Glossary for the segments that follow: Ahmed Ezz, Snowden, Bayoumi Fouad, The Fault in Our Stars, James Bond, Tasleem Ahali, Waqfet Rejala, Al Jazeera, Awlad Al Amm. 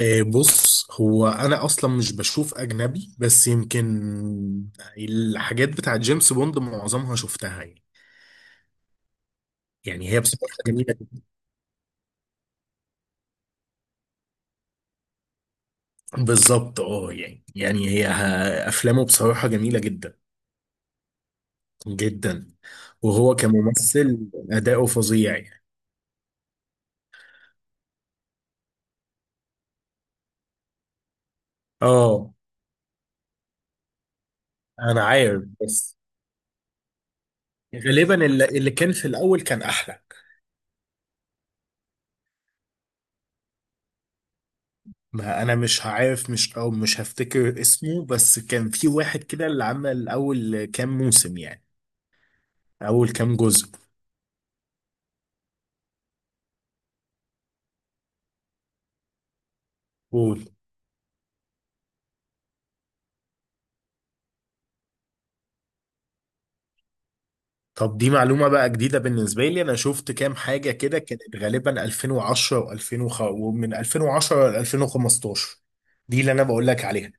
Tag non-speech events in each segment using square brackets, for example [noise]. بص هو انا اصلا مش بشوف اجنبي، بس يمكن الحاجات بتاعت جيمس بوند معظمها شفتها يعني يعني هي بصراحة جميلة جدا. بالظبط، يعني افلامه بصراحة جميلة جدا جدا، وهو كممثل اداؤه فظيع يعني. اه انا عارف، بس غالبا اللي كان في الاول كان احلى. ما انا مش عارف، مش هفتكر اسمه، بس كان في واحد كده اللي عمل اول كام موسم يعني، اول كام جزء. قول. طب دي معلومة بقى جديدة بالنسبة لي. انا شفت كام حاجة كده كانت غالبا 2010 و2000، ومن 2010 ل 2015، دي اللي انا بقول لك عليها.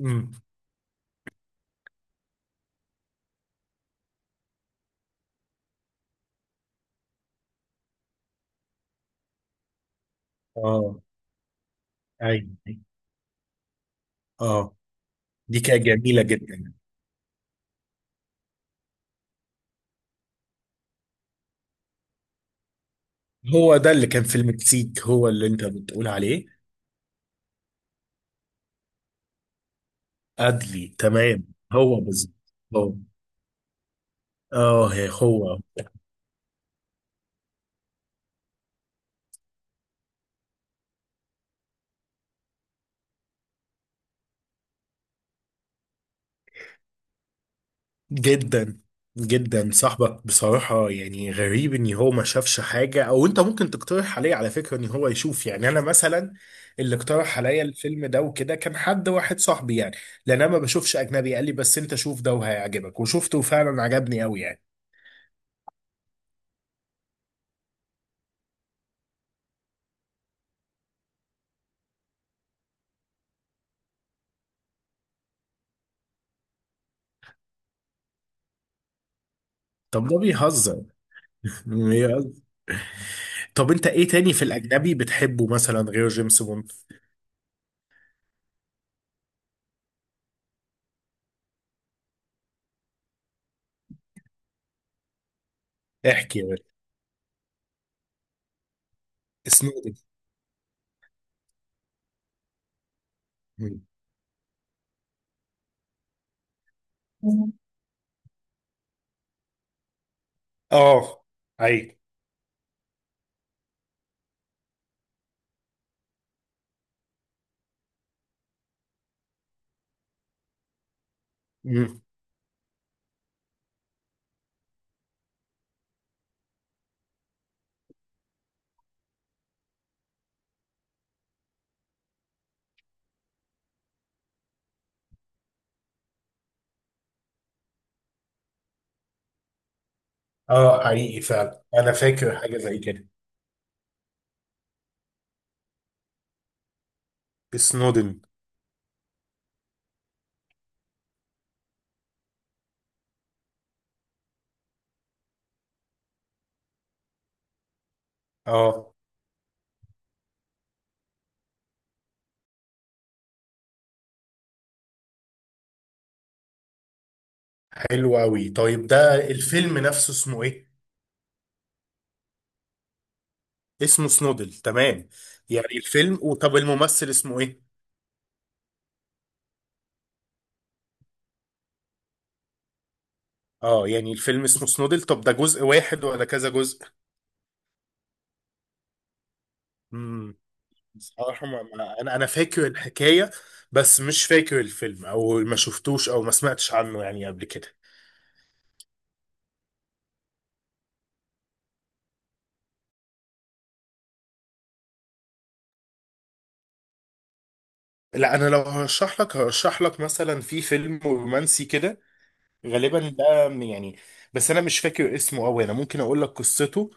امم. اه، ايوه، أيوة. اه، دي كانت جميلة جدا. هو ده اللي كان في المكسيك، هو اللي انت بتقول عليه. ادلي، تمام. هو بالظبط. هو. هو جدا جدا. صاحبك بصراحة يعني غريب ان هو ما شافش حاجة، او انت ممكن تقترح عليه على فكرة ان هو يشوف. يعني انا مثلا اللي اقترح عليا الفيلم ده وكده كان حد واحد صاحبي يعني، لان انا ما بشوفش اجنبي. قال لي بس انت شوف ده وهيعجبك، وشفته وفعلا عجبني قوي يعني. طب ده بيهزر؟ [laughs] بيهزر. طب انت ايه تاني في الاجنبي بتحبه مثلا غير جيمس بوند؟ احكي يا باشا. سنودن؟ اه، حقيقي. مم. اه، حقيقي فعلا، انا فاكر حاجة زي كده. سنودن. اه، حلو قوي. طيب ده الفيلم نفسه اسمه ايه؟ اسمه سنودل، تمام. يعني الفيلم. وطب الممثل اسمه ايه؟ اه، يعني الفيلم اسمه سنودل. طب ده جزء واحد ولا كذا جزء؟ امم. بصراحة، انا فاكر الحكاية، بس مش فاكر الفيلم، او ما شفتوش او ما سمعتش عنه يعني قبل كده. لا، انا لو هرشح لك، هرشح لك مثلا في فيلم رومانسي كده، غالبا يعني، بس انا مش فاكر اسمه قوي. انا ممكن اقول لك قصته.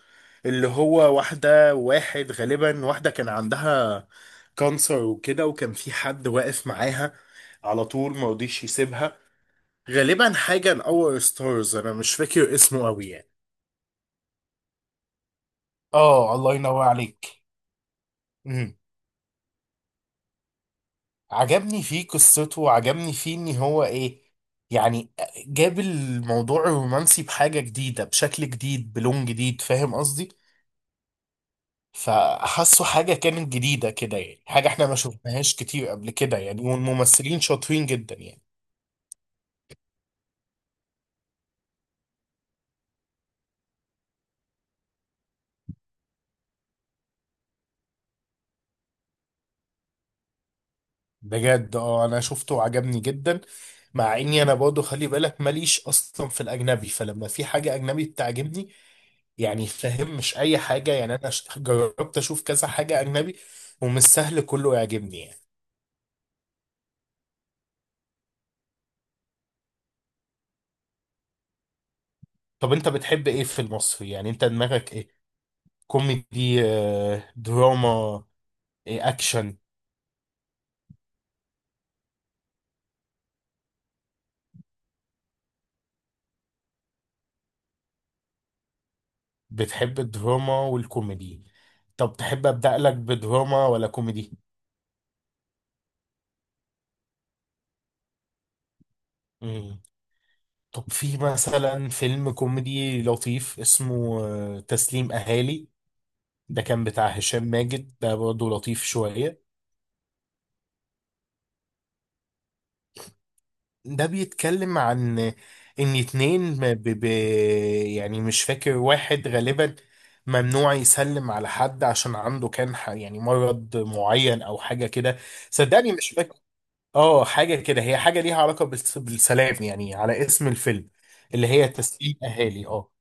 اللي هو واحده، واحد غالبا، واحده كان عندها كانسر وكده، وكان في حد واقف معاها على طول، ما رضيش يسيبها. غالبا حاجه ان اور ستارز، انا مش فاكر اسمه قوي يعني. اه، الله ينور عليك. امم. عجبني فيه قصته، وعجبني فيه ان هو، ايه يعني، جاب الموضوع الرومانسي بحاجه جديده، بشكل جديد، بلون جديد، فاهم قصدي؟ فحسوا حاجة كانت جديدة كده يعني، حاجة احنا ما شفناهاش كتير قبل كده يعني، والممثلين شاطرين جدا يعني. بجد اه، انا شفته وعجبني جدا. مع اني انا برضه، خلي بالك، ماليش اصلا في الاجنبي، فلما في حاجة اجنبي بتعجبني، يعني فاهم، مش اي حاجة يعني. انا جربت اشوف كذا حاجة اجنبي ومش سهل كله يعجبني يعني. طب انت بتحب ايه في المصري؟ يعني انت دماغك ايه؟ كوميدي؟ دراما؟ إيه، اكشن؟ بتحب الدراما والكوميدي. طب تحب أبدأ لك بدراما ولا كوميدي؟ مم. طب في مثلا فيلم كوميدي لطيف اسمه، تسليم أهالي. ده كان بتاع هشام ماجد، ده برضه لطيف شوية. ده بيتكلم عن إن اتنين، يعني مش فاكر، واحد غالبا ممنوع يسلم على حد، عشان عنده كان، يعني مرض معين أو حاجة كده. صدقني مش فاكر. اه، حاجة كده، هي حاجة ليها علاقة بالسلام يعني، على اسم الفيلم، اللي هي تسليم أهالي، اه.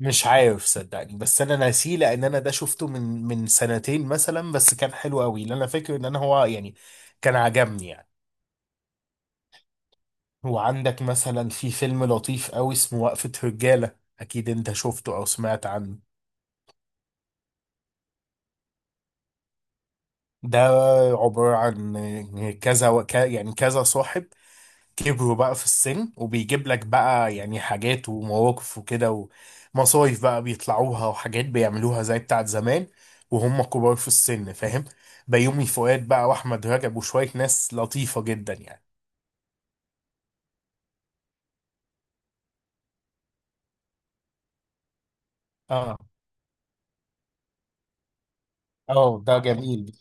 مش عارف، صدقني، بس انا ناسيه، لان انا ده شفته من سنتين مثلا، بس كان حلو قوي. اللي انا فاكر ان انا هو يعني كان عجبني يعني. وعندك مثلا في فيلم لطيف قوي اسمه وقفة رجالة، اكيد انت شفته او سمعت عنه. ده عبارة عن كذا يعني كذا صاحب، كبروا بقى في السن، وبيجيب لك بقى يعني حاجات ومواقف وكده، ومصايف بقى بيطلعوها وحاجات بيعملوها زي بتاعت زمان، وهم كبار في السن، فاهم؟ بيومي فؤاد بقى، واحمد رجب، وشوية ناس لطيفة جدا يعني. اه. اه، ده جميل.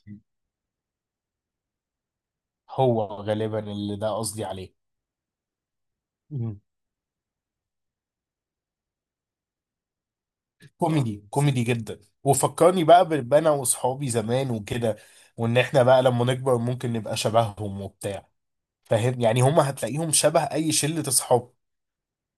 هو غالبا اللي ده قصدي عليه. مم. كوميدي، كوميدي جدا، وفكرني بقى بانا واصحابي زمان وكده، وان احنا بقى لما نكبر ممكن نبقى شبههم وبتاع، فاهم يعني؟ هم هتلاقيهم شبه اي شلة اصحاب.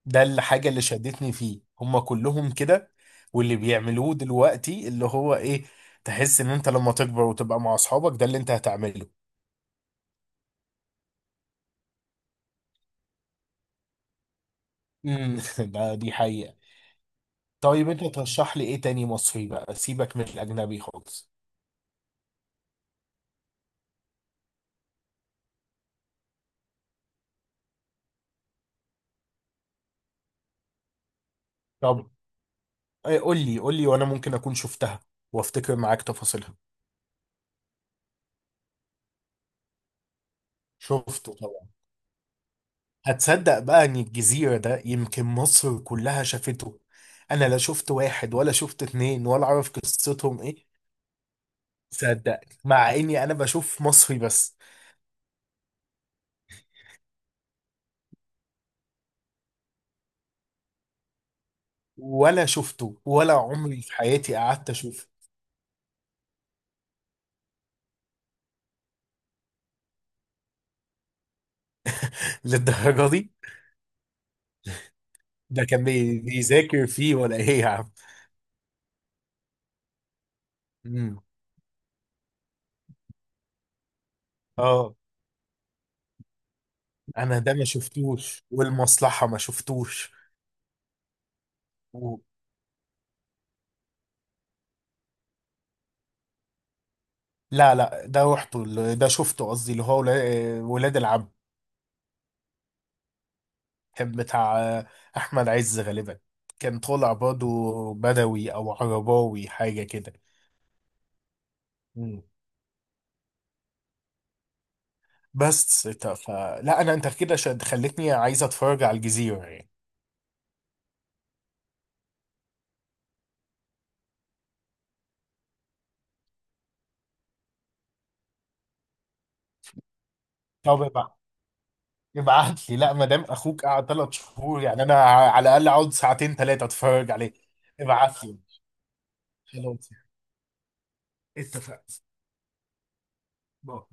ده الحاجة اللي شدتني فيه. هما كلهم كده، واللي بيعملوه دلوقتي، اللي هو ايه، تحس ان انت لما تكبر وتبقى مع اصحابك ده اللي انت هتعمله. امم. [laughs] ده دي حقيقة. طيب انت ترشح لي ايه تاني مصري بقى، سيبك من الاجنبي خالص؟ طب إيه، قول لي، قول لي، وانا ممكن اكون شفتها وافتكر معاك تفاصيلها. شفته طبعا. هتصدق بقى ان الجزيرة ده يمكن مصر كلها شافته، انا لا شفت واحد ولا شفت اتنين ولا اعرف قصتهم ايه. صدق. مع اني انا بشوف مصري بس، ولا شفته، ولا عمري في حياتي قعدت اشوفه. [laughs] للدرجه دي؟ ده كان بيذاكر فيه ولا ايه يا عم؟ مم. اه، انا ده ما شفتوش، والمصلحه ما شفتوش. و... لا لا، ده رحته، ده شفته، قصدي اللي هو ولاد العم. كان بتاع احمد عز غالبا، كان طالع برضه بدوي او عرباوي حاجه كده. بس فلا انا، انت كده خلتني عايز اتفرج على الجزيره يعني. طب ابعت لي. لا ما دام اخوك قعد 3 شهور، يعني انا على الاقل اقعد ساعتين ثلاثه اتفرج عليه. ابعت لي. خلاص يعني. اتفقنا. باي.